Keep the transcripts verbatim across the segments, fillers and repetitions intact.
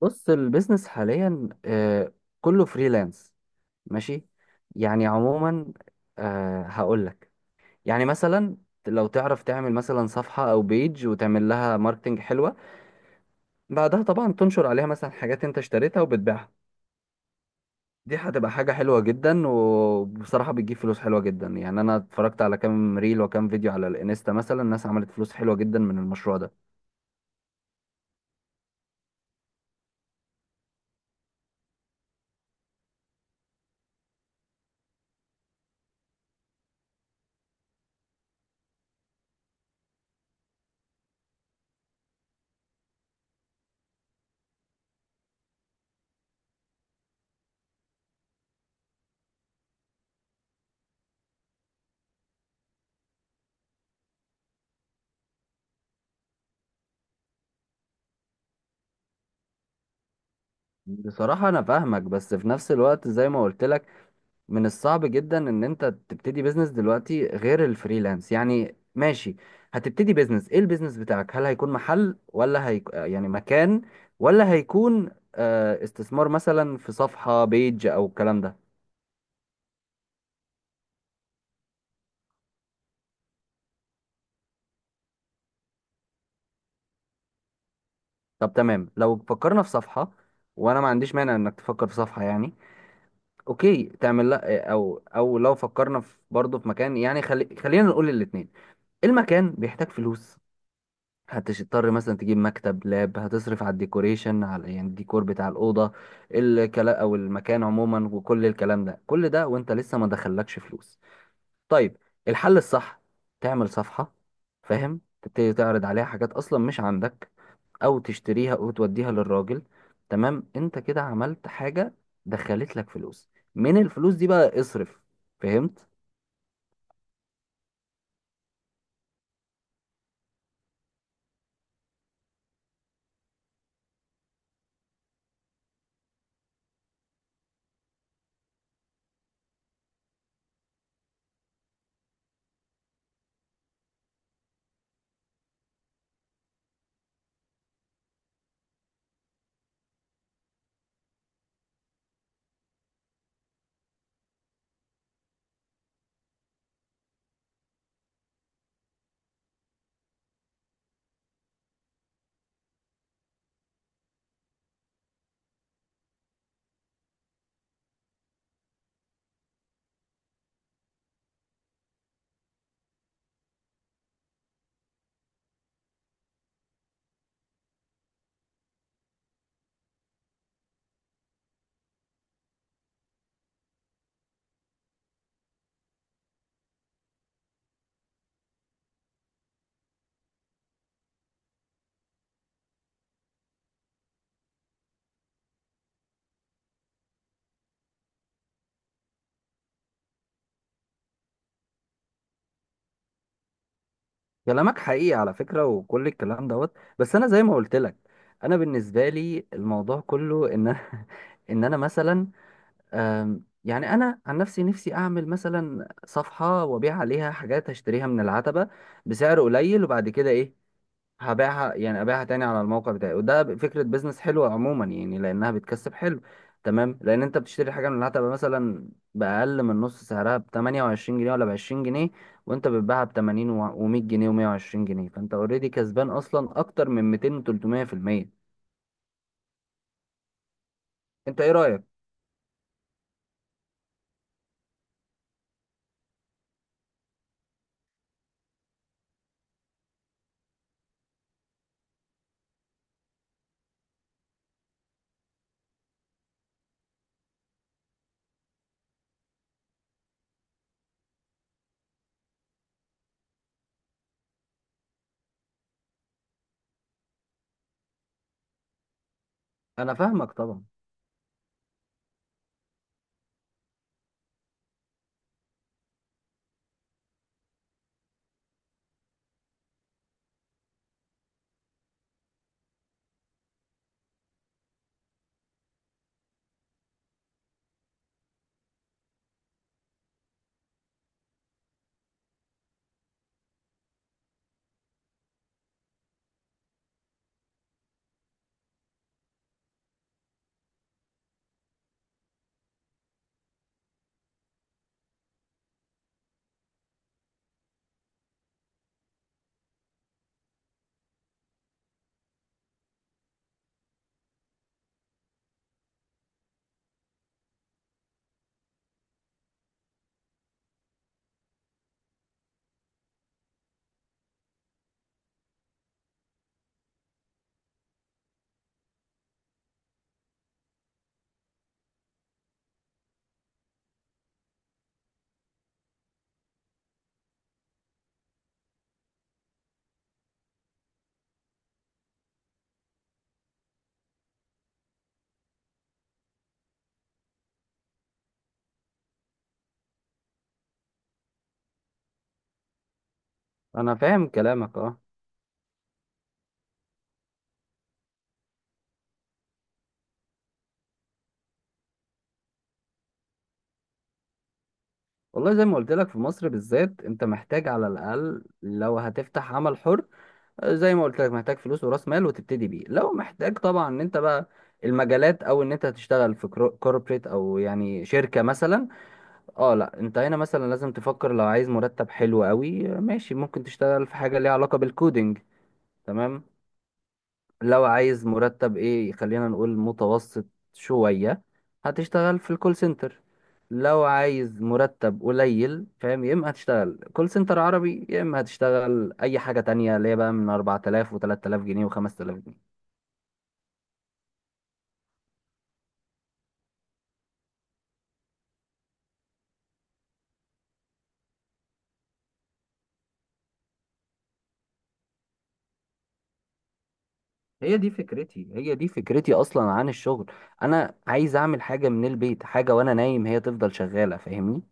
بص، البيزنس حاليا آه، كله فريلانس. ماشي، يعني عموما هقول لك. يعني مثلا لو تعرف تعمل مثلا صفحة او بيج وتعمل لها ماركتنج حلوة، بعدها طبعا تنشر عليها مثلا حاجات انت اشتريتها وبتبيعها. دي هتبقى حاجة حلوة جدا، وبصراحة بتجيب فلوس حلوة جدا. يعني انا اتفرجت على كام ريل وكام فيديو على الانستا، مثلا الناس عملت فلوس حلوة جدا من المشروع ده. بصراحة انا فاهمك، بس في نفس الوقت زي ما قلت لك، من الصعب جدا ان انت تبتدي بيزنس دلوقتي غير الفريلانس. يعني ماشي، هتبتدي بيزنس ايه؟ البيزنس بتاعك هل هيكون محل ولا هيك... يعني مكان، ولا هيكون آه، استثمار مثلا في صفحة بيج او الكلام ده؟ طب تمام، لو فكرنا في صفحة، وانا ما عنديش مانع انك تفكر في صفحة يعني. اوكي تعمل، لا، آه، او او لو فكرنا في برضه في مكان، يعني خلي... خلينا نقول الاتنين. المكان بيحتاج فلوس، هتضطر مثلا تجيب مكتب لاب، هتصرف على الديكوريشن، على يعني الديكور بتاع الأوضة الكلام، أو المكان عموما، وكل الكلام ده كل ده وانت لسه ما دخلكش فلوس. طيب، الحل الصح تعمل صفحة، فاهم؟ تبتدي تعرض عليها حاجات أصلا مش عندك، أو تشتريها وتوديها للراجل. تمام، انت كده عملت حاجة، دخلت لك فلوس. من الفلوس دي بقى اصرف، فهمت؟ كلامك حقيقي على فكرة وكل الكلام دوت، بس انا زي ما قلت لك، انا بالنسبة لي الموضوع كله ان انا ان انا مثلا آم، يعني انا عن نفسي، نفسي اعمل مثلا صفحة وابيع عليها حاجات هشتريها من العتبة بسعر قليل، وبعد كده ايه؟ هبيعها، يعني ابيعها تاني على الموقع بتاعي، وده ب- فكره بيزنس حلوه عموما يعني، لانها بتكسب حلو. تمام، لان انت بتشتري حاجه من اللي هتبقى مثلا باقل من نص سعرها ب ثمانية وعشرين جنيه ولا ب عشرين جنيه، وانت بتبيعها ب تمانين و100 جنيه و120 جنيه، فانت اوريدي كسبان اصلا اكتر من مئتين و300%. انت ايه رايك؟ انا فاهمك طبعا. انا فاهم كلامك، اه. والله زي ما قلت لك، في مصر بالذات انت محتاج على الاقل لو هتفتح عمل حر، زي ما قلت لك محتاج فلوس وراس مال وتبتدي بيه. لو محتاج طبعا ان انت بقى المجالات، او ان انت هتشتغل في كوربريت او يعني شركة مثلا، اه لا، انت هنا مثلا لازم تفكر. لو عايز مرتب حلو قوي ماشي، ممكن تشتغل في حاجة ليها علاقة بالكودينج، تمام. لو عايز مرتب ايه، خلينا نقول متوسط شوية، هتشتغل في الكول سنتر. لو عايز مرتب قليل، فاهم؟ يا اما هتشتغل كول سنتر عربي، يا اما هتشتغل اي حاجة تانية اللي هي بقى من اربعة الاف و3000 جنيه و5000 جنيه. هي دي فكرتي، هي دي فكرتي اصلا عن الشغل. انا عايز اعمل حاجة من البيت، حاجة وانا نايم هي تفضل شغالة، فاهمني؟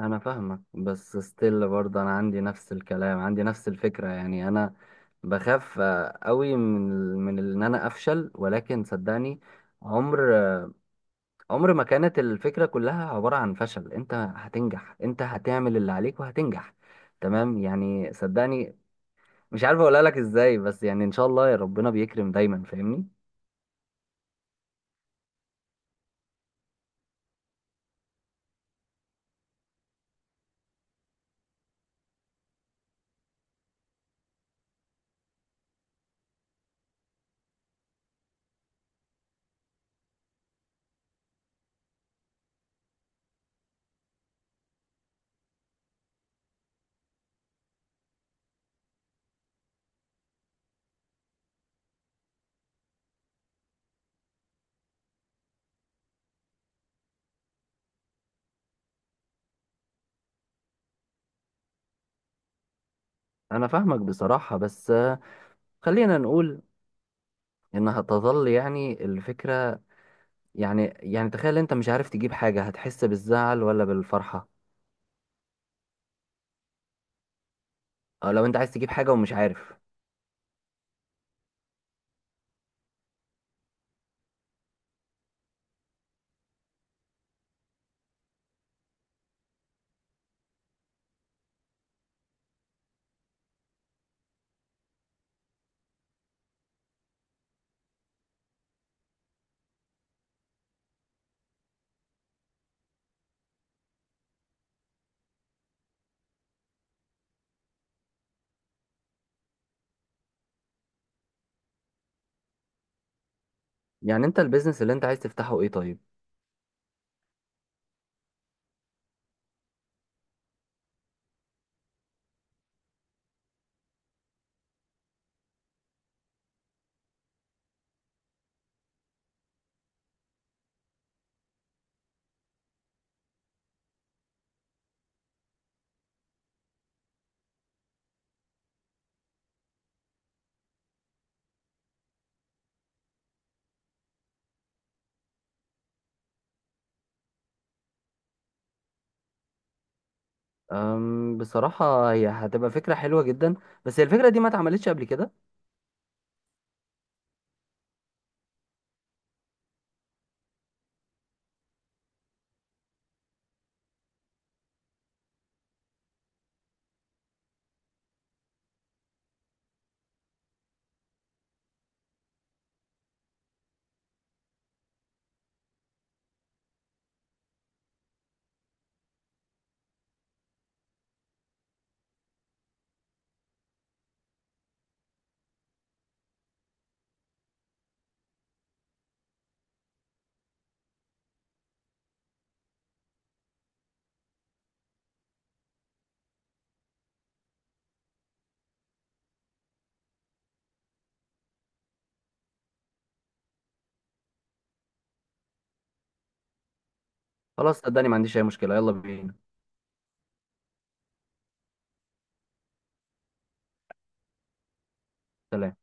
انا فاهمك، بس ستيل برضه انا عندي نفس الكلام، عندي نفس الفكره يعني. انا بخاف آه، قوي، من ال- من ال- ان انا افشل، ولكن صدقني عمر آه، عمر ما كانت الفكره كلها عباره عن فشل. انت هتنجح، انت هتعمل اللي عليك وهتنجح، تمام؟ يعني صدقني، مش عارف اقولها لك ازاي، بس يعني ان شاء الله، يا ربنا بيكرم دايما، فاهمني؟ انا فاهمك بصراحه، بس آه، خلينا نقول انها تظل يعني الفكره. يعني يعني تخيل انت مش عارف تجيب حاجة، هتحس بالزعل ولا بالفرحة؟ أو لو انت عايز تجيب حاجة ومش عارف. يعني انت البيزنس اللي انت عايز تفتحه ايه طيب؟ أم بصراحة هي هتبقى فكرة حلوة جدا، بس هي الفكرة دي ما اتعملتش قبل كده. خلاص، صدقني ما عنديش اي مشكلة، يلا بينا. سلام.